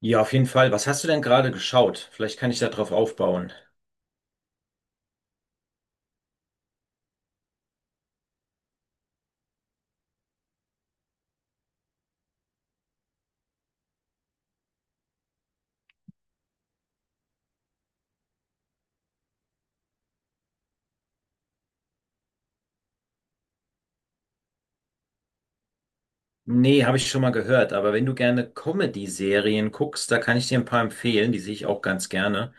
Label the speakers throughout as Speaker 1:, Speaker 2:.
Speaker 1: Ja, auf jeden Fall. Was hast du denn gerade geschaut? Vielleicht kann ich da drauf aufbauen. Nee, habe ich schon mal gehört, aber wenn du gerne Comedy-Serien guckst, da kann ich dir ein paar empfehlen, die sehe ich auch ganz gerne.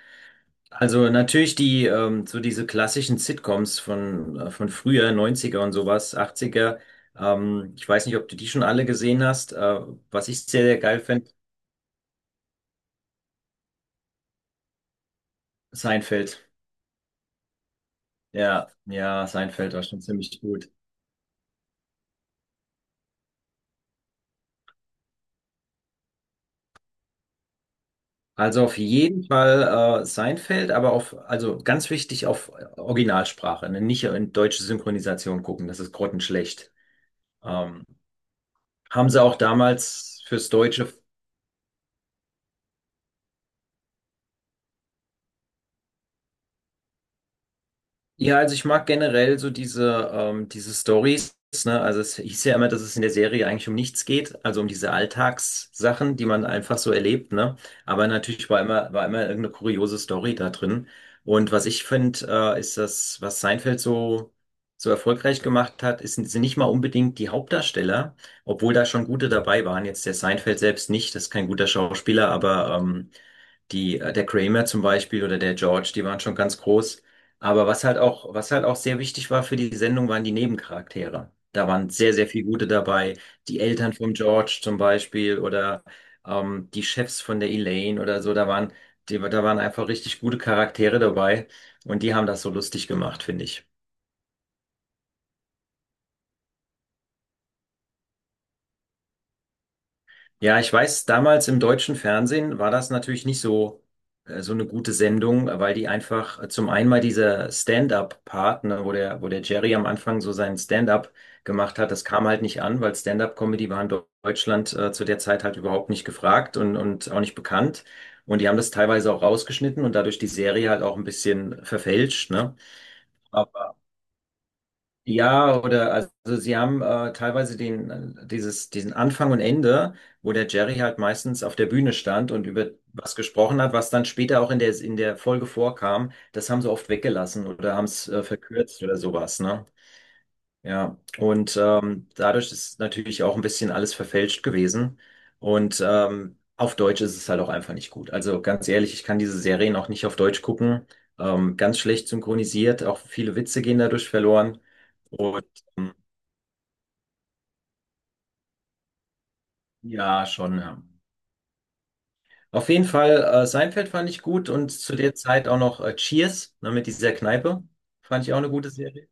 Speaker 1: Also natürlich so diese klassischen Sitcoms von früher, 90er und sowas, 80er. Ich weiß nicht, ob du die schon alle gesehen hast. Was ich sehr, sehr geil finde: Seinfeld. Ja, ja, Seinfeld war schon ziemlich gut. Also auf jeden Fall Seinfeld, aber also ganz wichtig auf Originalsprache, ne? Nicht in deutsche Synchronisation gucken, das ist grottenschlecht. Ähm, Haben sie auch damals fürs Deutsche. Ja, also ich mag generell so diese Stories, ne? Also es hieß ja immer, dass es in der Serie eigentlich um nichts geht, also um diese Alltagssachen, die man einfach so erlebt, ne? Aber natürlich war immer irgendeine kuriose Story da drin. Und was ich finde, ist das, was Seinfeld so, so erfolgreich gemacht hat, ist, sind nicht mal unbedingt die Hauptdarsteller, obwohl da schon gute dabei waren. Jetzt der Seinfeld selbst nicht, das ist kein guter Schauspieler, aber der Kramer zum Beispiel oder der George, die waren schon ganz groß. Aber was halt auch sehr wichtig war für die Sendung, waren die Nebencharaktere. Da waren sehr, sehr viele gute dabei. Die Eltern von George zum Beispiel oder die Chefs von der Elaine oder so. Da waren einfach richtig gute Charaktere dabei, und die haben das so lustig gemacht, finde ich. Ja, ich weiß, damals im deutschen Fernsehen war das natürlich nicht so eine gute Sendung, weil die einfach zum einen mal dieser Stand-up-Part, ne, wo der Jerry am Anfang so seinen Stand-up gemacht hat. Das kam halt nicht an, weil Stand-up-Comedy war in Deutschland zu der Zeit halt überhaupt nicht gefragt und auch nicht bekannt. Und die haben das teilweise auch rausgeschnitten und dadurch die Serie halt auch ein bisschen verfälscht, ne? Ja, oder also sie haben teilweise diesen Anfang und Ende, wo der Jerry halt meistens auf der Bühne stand und über was gesprochen hat, was dann später auch in der Folge vorkam. Das haben sie oft weggelassen oder haben es verkürzt oder sowas, ne? Ja, und dadurch ist natürlich auch ein bisschen alles verfälscht gewesen. Und auf Deutsch ist es halt auch einfach nicht gut. Also ganz ehrlich, ich kann diese Serien auch nicht auf Deutsch gucken. Ganz schlecht synchronisiert, auch viele Witze gehen dadurch verloren. Und ähm, ja, schon. Ja. Auf jeden Fall, Seinfeld fand ich gut und zu der Zeit auch noch Cheers, ne, mit dieser Kneipe. Fand ich auch eine gute Serie.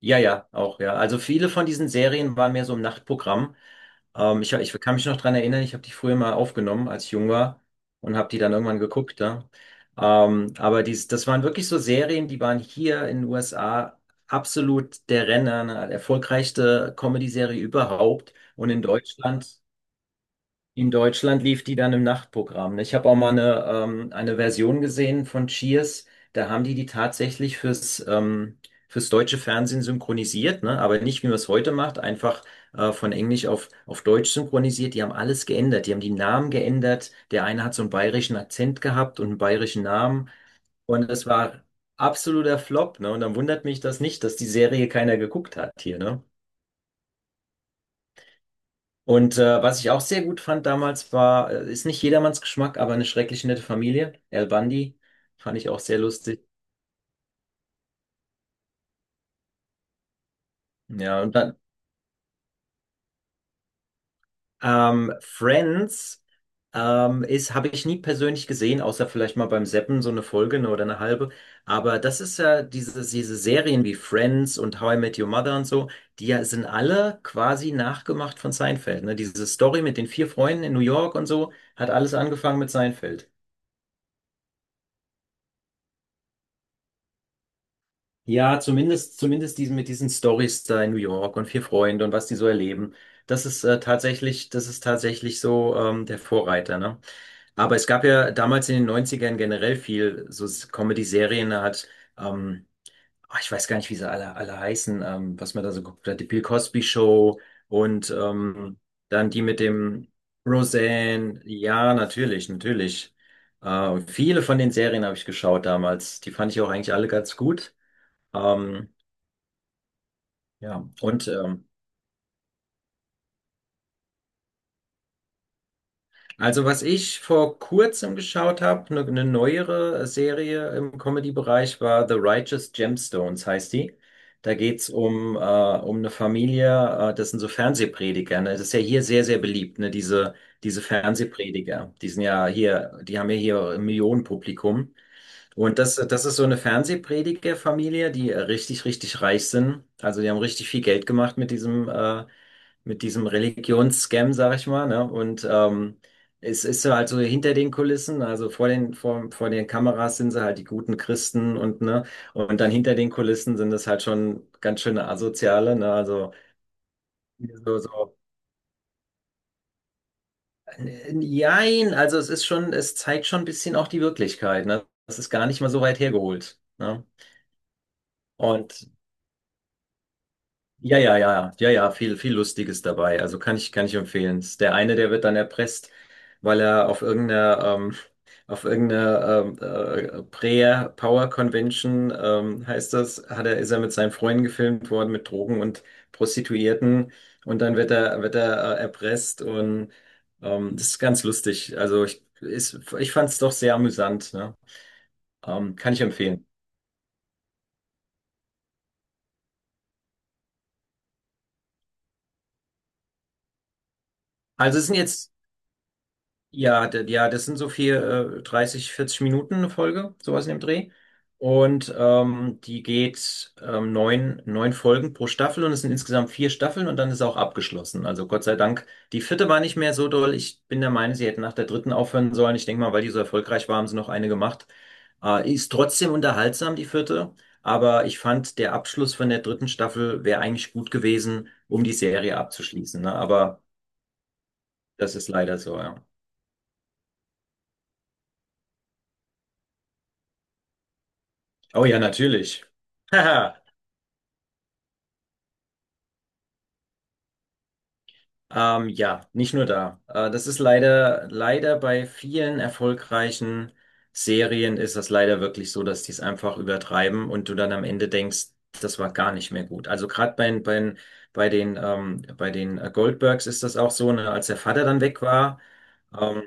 Speaker 1: Ja, ja, auch, ja. Also viele von diesen Serien waren mehr so im Nachtprogramm. Ich kann mich noch dran erinnern, ich habe die früher mal aufgenommen, als ich jung war, und habe die dann irgendwann geguckt. Ja. Aber das waren wirklich so Serien, die waren hier in den USA absolut der Renner, eine erfolgreichste Comedy-Serie überhaupt. Und in Deutschland lief die dann im Nachtprogramm. Ich habe auch mal eine Version gesehen von Cheers. Da haben die die tatsächlich fürs deutsche Fernsehen synchronisiert, ne? Aber nicht, wie man es heute macht, einfach von Englisch auf Deutsch synchronisiert. Die haben alles geändert. Die haben die Namen geändert. Der eine hat so einen bayerischen Akzent gehabt und einen bayerischen Namen. Und das war absoluter Flop, ne? Und dann wundert mich das nicht, dass die Serie keiner geguckt hat hier, ne? Und was ich auch sehr gut fand damals war, ist nicht jedermanns Geschmack, aber eine schrecklich nette Familie. Al Bundy fand ich auch sehr lustig. Ja, und dann Friends habe ich nie persönlich gesehen, außer vielleicht mal beim Seppen so eine Folge, ne, oder eine halbe. Aber das ist ja diese Serien wie Friends und How I Met Your Mother und so, die ja sind alle quasi nachgemacht von Seinfeld. Ne? Diese Story mit den vier Freunden in New York und so hat alles angefangen mit Seinfeld. Ja, zumindest mit diesen Stories da in New York und vier Freunde und was die so erleben. Das ist tatsächlich so der Vorreiter, ne? Aber es gab ja damals in den 90ern generell viel so Comedy-Serien, ähm, ich weiß gar nicht, wie sie alle heißen, was man da so geguckt hat, die Bill Cosby Show und dann die mit dem Roseanne. Ja, natürlich, natürlich. Viele von den Serien habe ich geschaut damals. Die fand ich auch eigentlich alle ganz gut. Ähm, ja, und also was ich vor kurzem geschaut habe, eine neuere Serie im Comedy-Bereich, war The Righteous Gemstones, heißt die. Da geht's um eine Familie, das sind so Fernsehprediger. Ne? Das ist ja hier sehr, sehr beliebt, ne? Diese Fernsehprediger. Die haben ja hier ein Millionenpublikum. Und das ist so eine Fernsehpredigerfamilie, die richtig, richtig reich sind. Also die haben richtig viel Geld gemacht mit diesem Religionsscam, sag ich mal, ne? Und es ist so halt so hinter den Kulissen, also vor den Kameras sind sie halt die guten Christen, und ne, und dann hinter den Kulissen sind das halt schon ganz schöne Asoziale, ne? Also so, so. Jein, also es ist schon, es zeigt schon ein bisschen auch die Wirklichkeit, ne? Das ist gar nicht mal so weit hergeholt, ne? Und ja, ja, ja, ja, ja, viel, viel Lustiges dabei. Also kann ich empfehlen. Ist Der eine, der wird dann erpresst, weil er auf irgendeiner Prayer Power Convention, heißt das, ist er mit seinen Freunden gefilmt worden, mit Drogen und Prostituierten. Und dann wird er erpresst, und das ist ganz lustig. Also ich fand es doch sehr amüsant, ne? Kann ich empfehlen. Also es sind jetzt. Ja, ja, das sind so viel, 30, 40 Minuten eine Folge, sowas in dem Dreh. Und die geht neun Folgen pro Staffel, und es sind insgesamt vier Staffeln und dann ist auch abgeschlossen. Also Gott sei Dank, die vierte war nicht mehr so doll. Ich bin der Meinung, sie hätten nach der dritten aufhören sollen. Ich denke mal, weil die so erfolgreich war, haben sie noch eine gemacht. Ist trotzdem unterhaltsam, die vierte. Aber ich fand, der Abschluss von der dritten Staffel wäre eigentlich gut gewesen, um die Serie abzuschließen. Ne? Aber das ist leider so, ja. Oh ja, natürlich. Haha. Ja, nicht nur da. Das ist leider, leider bei vielen erfolgreichen Serien ist das leider wirklich so, dass die es einfach übertreiben und du dann am Ende denkst, das war gar nicht mehr gut. Also gerade bei den Goldbergs ist das auch so, ne, als der Vater dann weg war. Ähm,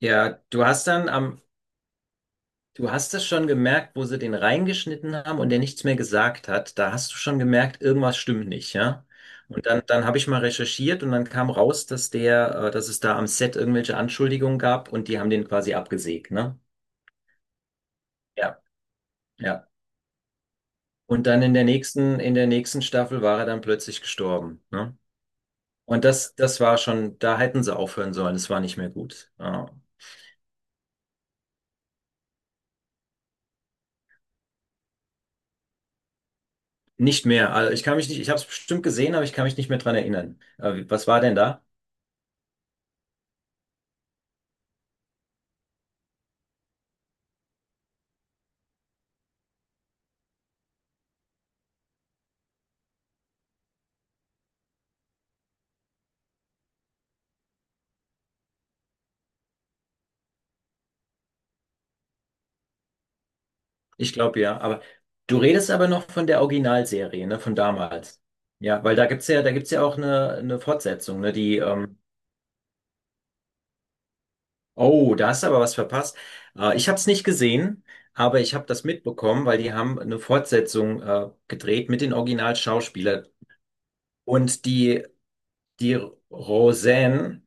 Speaker 1: ja, du hast es schon gemerkt, wo sie den reingeschnitten haben und der nichts mehr gesagt hat. Da hast du schon gemerkt, irgendwas stimmt nicht, ja? Und dann habe ich mal recherchiert, und dann kam raus, dass es da am Set irgendwelche Anschuldigungen gab und die haben den quasi abgesägt, ne? Ja, ja. Und dann in der nächsten Staffel war er dann plötzlich gestorben, ne? Und das war schon, da hätten sie aufhören sollen. Es war nicht mehr gut. Ja. Nicht mehr. Also ich kann mich nicht, ich habe es bestimmt gesehen, aber ich kann mich nicht mehr dran erinnern. Was war denn da? Ich glaube ja, aber du redest aber noch von der Originalserie, ne, von damals. Ja, weil da gibt's ja auch eine Fortsetzung, ne, oh, da hast du aber was verpasst. Ich habe es nicht gesehen, aber ich habe das mitbekommen, weil die haben eine Fortsetzung gedreht mit den Originalschauspielern. Und die Roseanne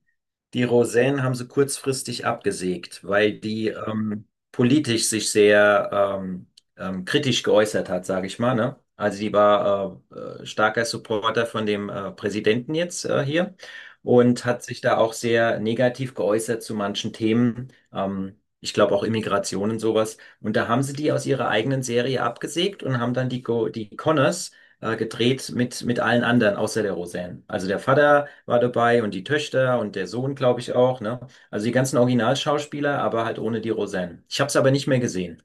Speaker 1: Die Roseanne haben sie kurzfristig abgesägt, weil die politisch sich sehr ähm, kritisch geäußert hat, sage ich mal. Ne? Also die war starker Supporter von dem Präsidenten jetzt hier, und hat sich da auch sehr negativ geäußert zu manchen Themen. Ich glaube auch Immigration und sowas. Und da haben sie die aus ihrer eigenen Serie abgesägt und haben dann die Connors gedreht mit allen anderen, außer der Roseanne. Also der Vater war dabei und die Töchter und der Sohn, glaube ich, auch, ne? Also die ganzen Originalschauspieler, aber halt ohne die Roseanne. Ich habe es aber nicht mehr gesehen.